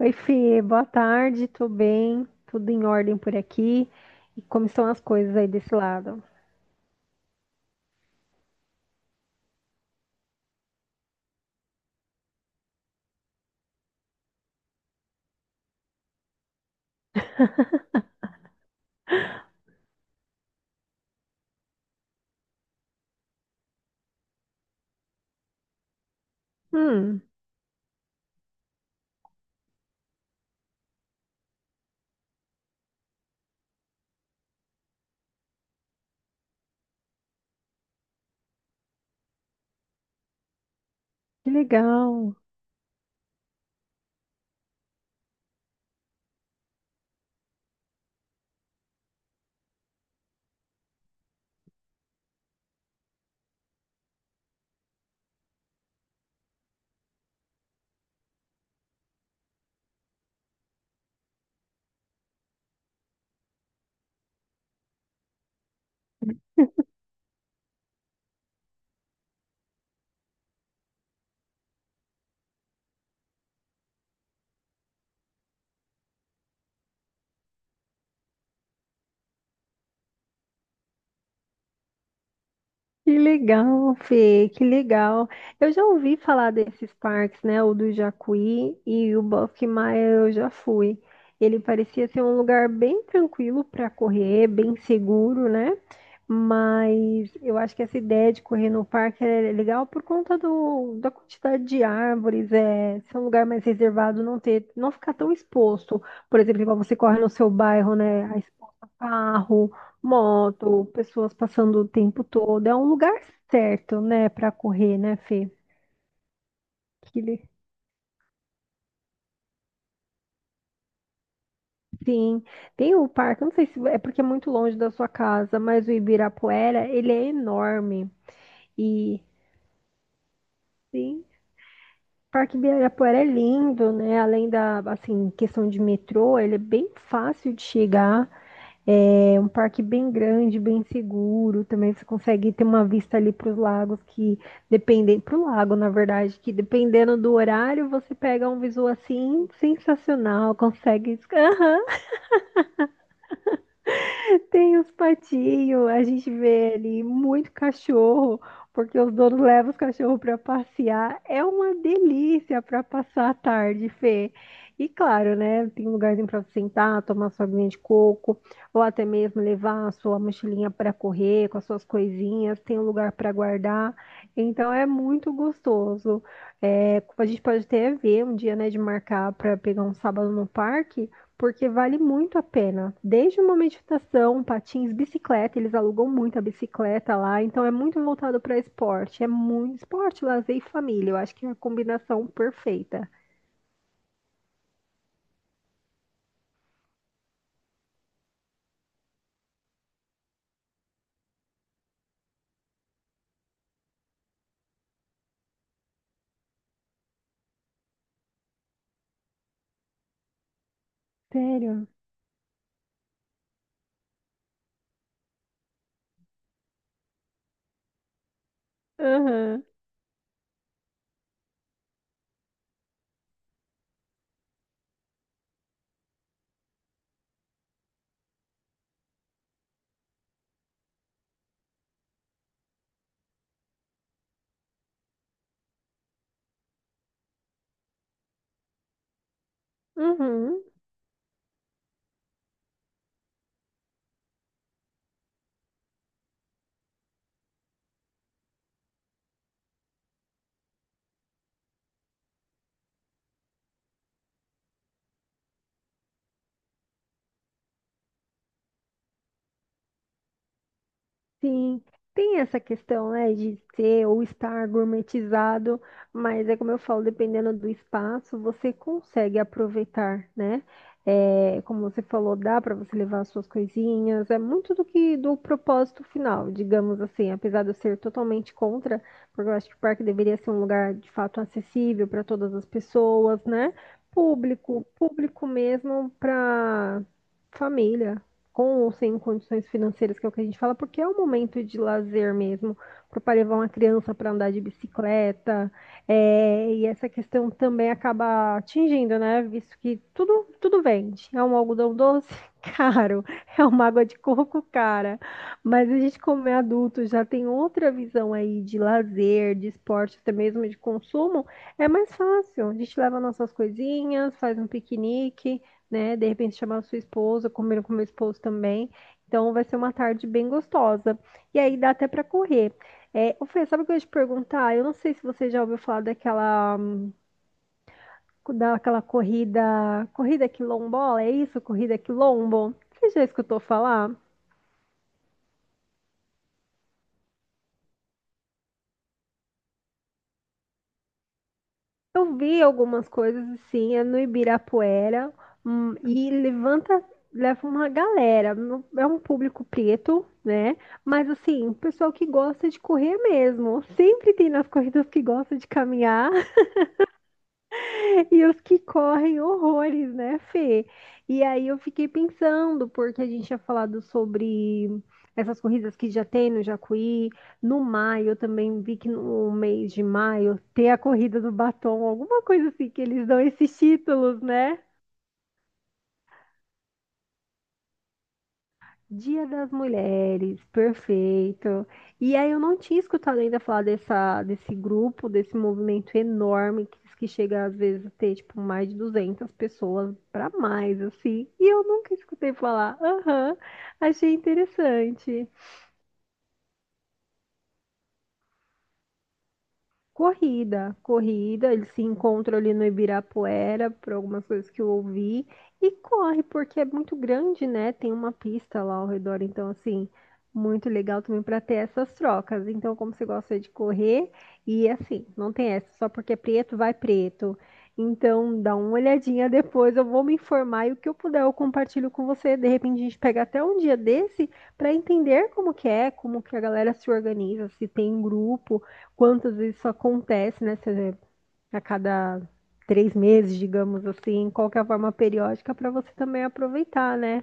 Oi, Fê, boa tarde, tô bem, tudo em ordem por aqui. E como estão as coisas aí desse lado? Hum, que legal, que legal, Fê, que legal. Eu já ouvi falar desses parques, né? O do Jacuí e o Maia eu já fui. Ele parecia ser um lugar bem tranquilo para correr, bem seguro, né? Mas eu acho que essa ideia de correr no parque é legal por conta da quantidade de árvores, é, ser um lugar mais reservado, não ter, não ficar tão exposto. Por exemplo, igual você corre no seu bairro, né? A exposto a carro, moto, pessoas passando o tempo todo. É um lugar certo, né, para correr, né, Fê? Que le- Sim, tem o parque, não sei se é porque é muito longe da sua casa, mas o Ibirapuera, ele é enorme. E sim. Parque Ibirapuera é lindo, né? Além da, assim, questão de metrô, ele é bem fácil de chegar. É um parque bem grande, bem seguro. Também você consegue ter uma vista ali para os lagos que para o lago, na verdade, que dependendo do horário, você pega um visual assim sensacional, consegue. Tem os patinhos, a gente vê ali muito cachorro, porque os donos levam os cachorros para passear. É uma delícia para passar a tarde, Fê. E claro, né? Tem um lugarzinho para sentar, tomar sua aguinha de coco, ou até mesmo levar a sua mochilinha para correr com as suas coisinhas. Tem um lugar para guardar. Então é muito gostoso. É, a gente pode até ver um dia, né, de marcar para pegar um sábado no parque porque vale muito a pena. Desde uma meditação, patins, bicicleta, eles alugam muito a bicicleta lá, então é muito voltado para esporte. É muito esporte, lazer e família. Eu acho que é a combinação perfeita. Sério? Aham. Uhum. Sim, tem essa questão, né, de ser ou estar gourmetizado, mas é como eu falo, dependendo do espaço, você consegue aproveitar, né? É, como você falou, dá para você levar as suas coisinhas, é muito do que do propósito final, digamos assim, apesar de eu ser totalmente contra, porque eu acho que o parque deveria ser um lugar de fato acessível para todas as pessoas, né? Público, público mesmo para família com ou sem condições financeiras, que é o que a gente fala, porque é um momento de lazer mesmo, para o pai levar uma criança para andar de bicicleta, é, e essa questão também acaba atingindo, né? Visto que tudo, tudo vende. É um algodão doce caro, é uma água de coco cara, mas a gente, como é adulto, já tem outra visão aí de lazer, de esporte, até mesmo de consumo, é mais fácil. A gente leva nossas coisinhas, faz um piquenique, né? De repente chamar sua esposa, combina com meu esposo também. Então vai ser uma tarde bem gostosa. E aí dá até para correr. É, ô Fê, sabe o que eu ia te perguntar? Eu não sei se você já ouviu falar daquela, corrida, corrida quilombola, é isso? Corrida quilombo? Você já escutou falar? Eu vi algumas coisas assim, é no Ibirapuera, hum, e levanta, leva uma galera. É um público preto, né? Mas assim, o pessoal que gosta de correr mesmo. Sempre tem nas corridas que gosta de caminhar. E os que correm horrores, né, Fê? E aí eu fiquei pensando, porque a gente tinha falado sobre essas corridas que já tem no Jacuí, no maio, eu também vi que no mês de maio tem a corrida do batom, alguma coisa assim, que eles dão esses títulos, né? Dia das Mulheres, perfeito. E aí eu não tinha escutado ainda falar dessa, desse grupo, desse movimento enorme que, diz que chega às vezes a ter tipo mais de 200 pessoas para mais assim. E eu nunca escutei falar. Aham, achei interessante. Corrida, eles se encontram ali no Ibirapuera, por algumas coisas que eu ouvi, e corre, porque é muito grande, né? Tem uma pista lá ao redor, então, assim, muito legal também para ter essas trocas. Então, como você gosta de correr, e assim, não tem essa, só porque é preto, vai preto. Então, dá uma olhadinha depois, eu vou me informar e o que eu puder eu compartilho com você. De repente, a gente pega até um dia desse para entender como que é, como que a galera se organiza, se tem um grupo, quantas vezes isso acontece, né? A cada 3 meses, digamos assim, qual que é a forma periódica para você também aproveitar, né?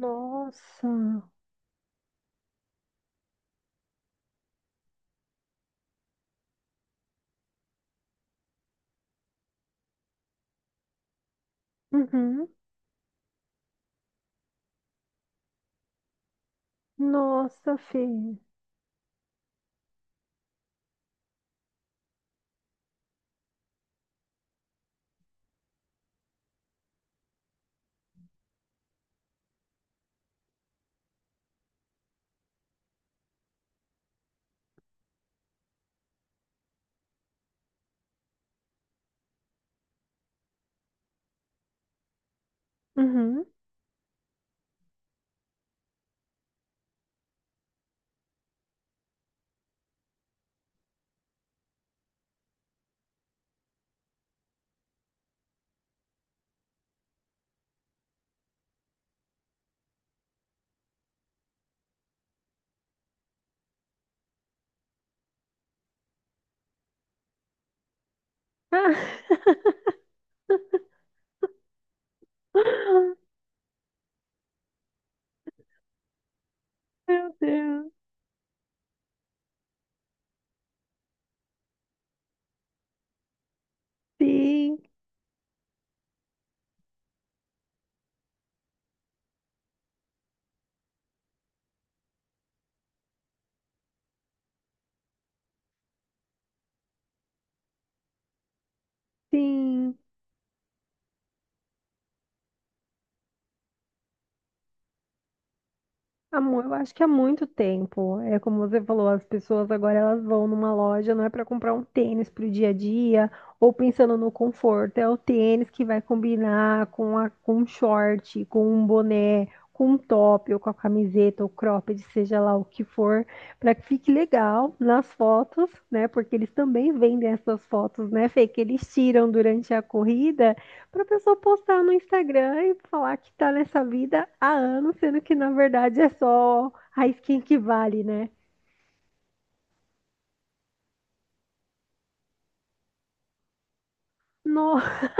Nossa. Uhum. Nossa, Fê. Uhum. Ah, meu Deus. Sim, sim. Eu acho que há muito tempo. É como você falou, as pessoas agora elas vão numa loja, não é para comprar um tênis para o dia a dia, ou pensando no conforto, é o tênis que vai combinar com a, com um short, com um boné, com um top, ou com a camiseta, ou cropped, seja lá o que for, para que fique legal nas fotos, né? Porque eles também vendem essas fotos, né, Fê, que eles tiram durante a corrida. Pra pessoa postar no Instagram e falar que tá nessa vida há anos, sendo que na verdade é só a skin que vale, né? Nossa,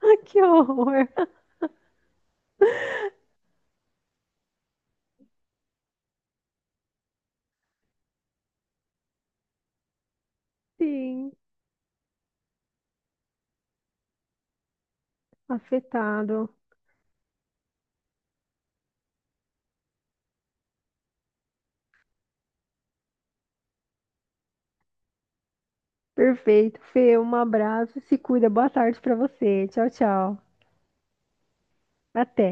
que horror. Sim, afetado. Perfeito. Fê, um abraço, se cuida. Boa tarde pra você. Tchau, tchau. Até.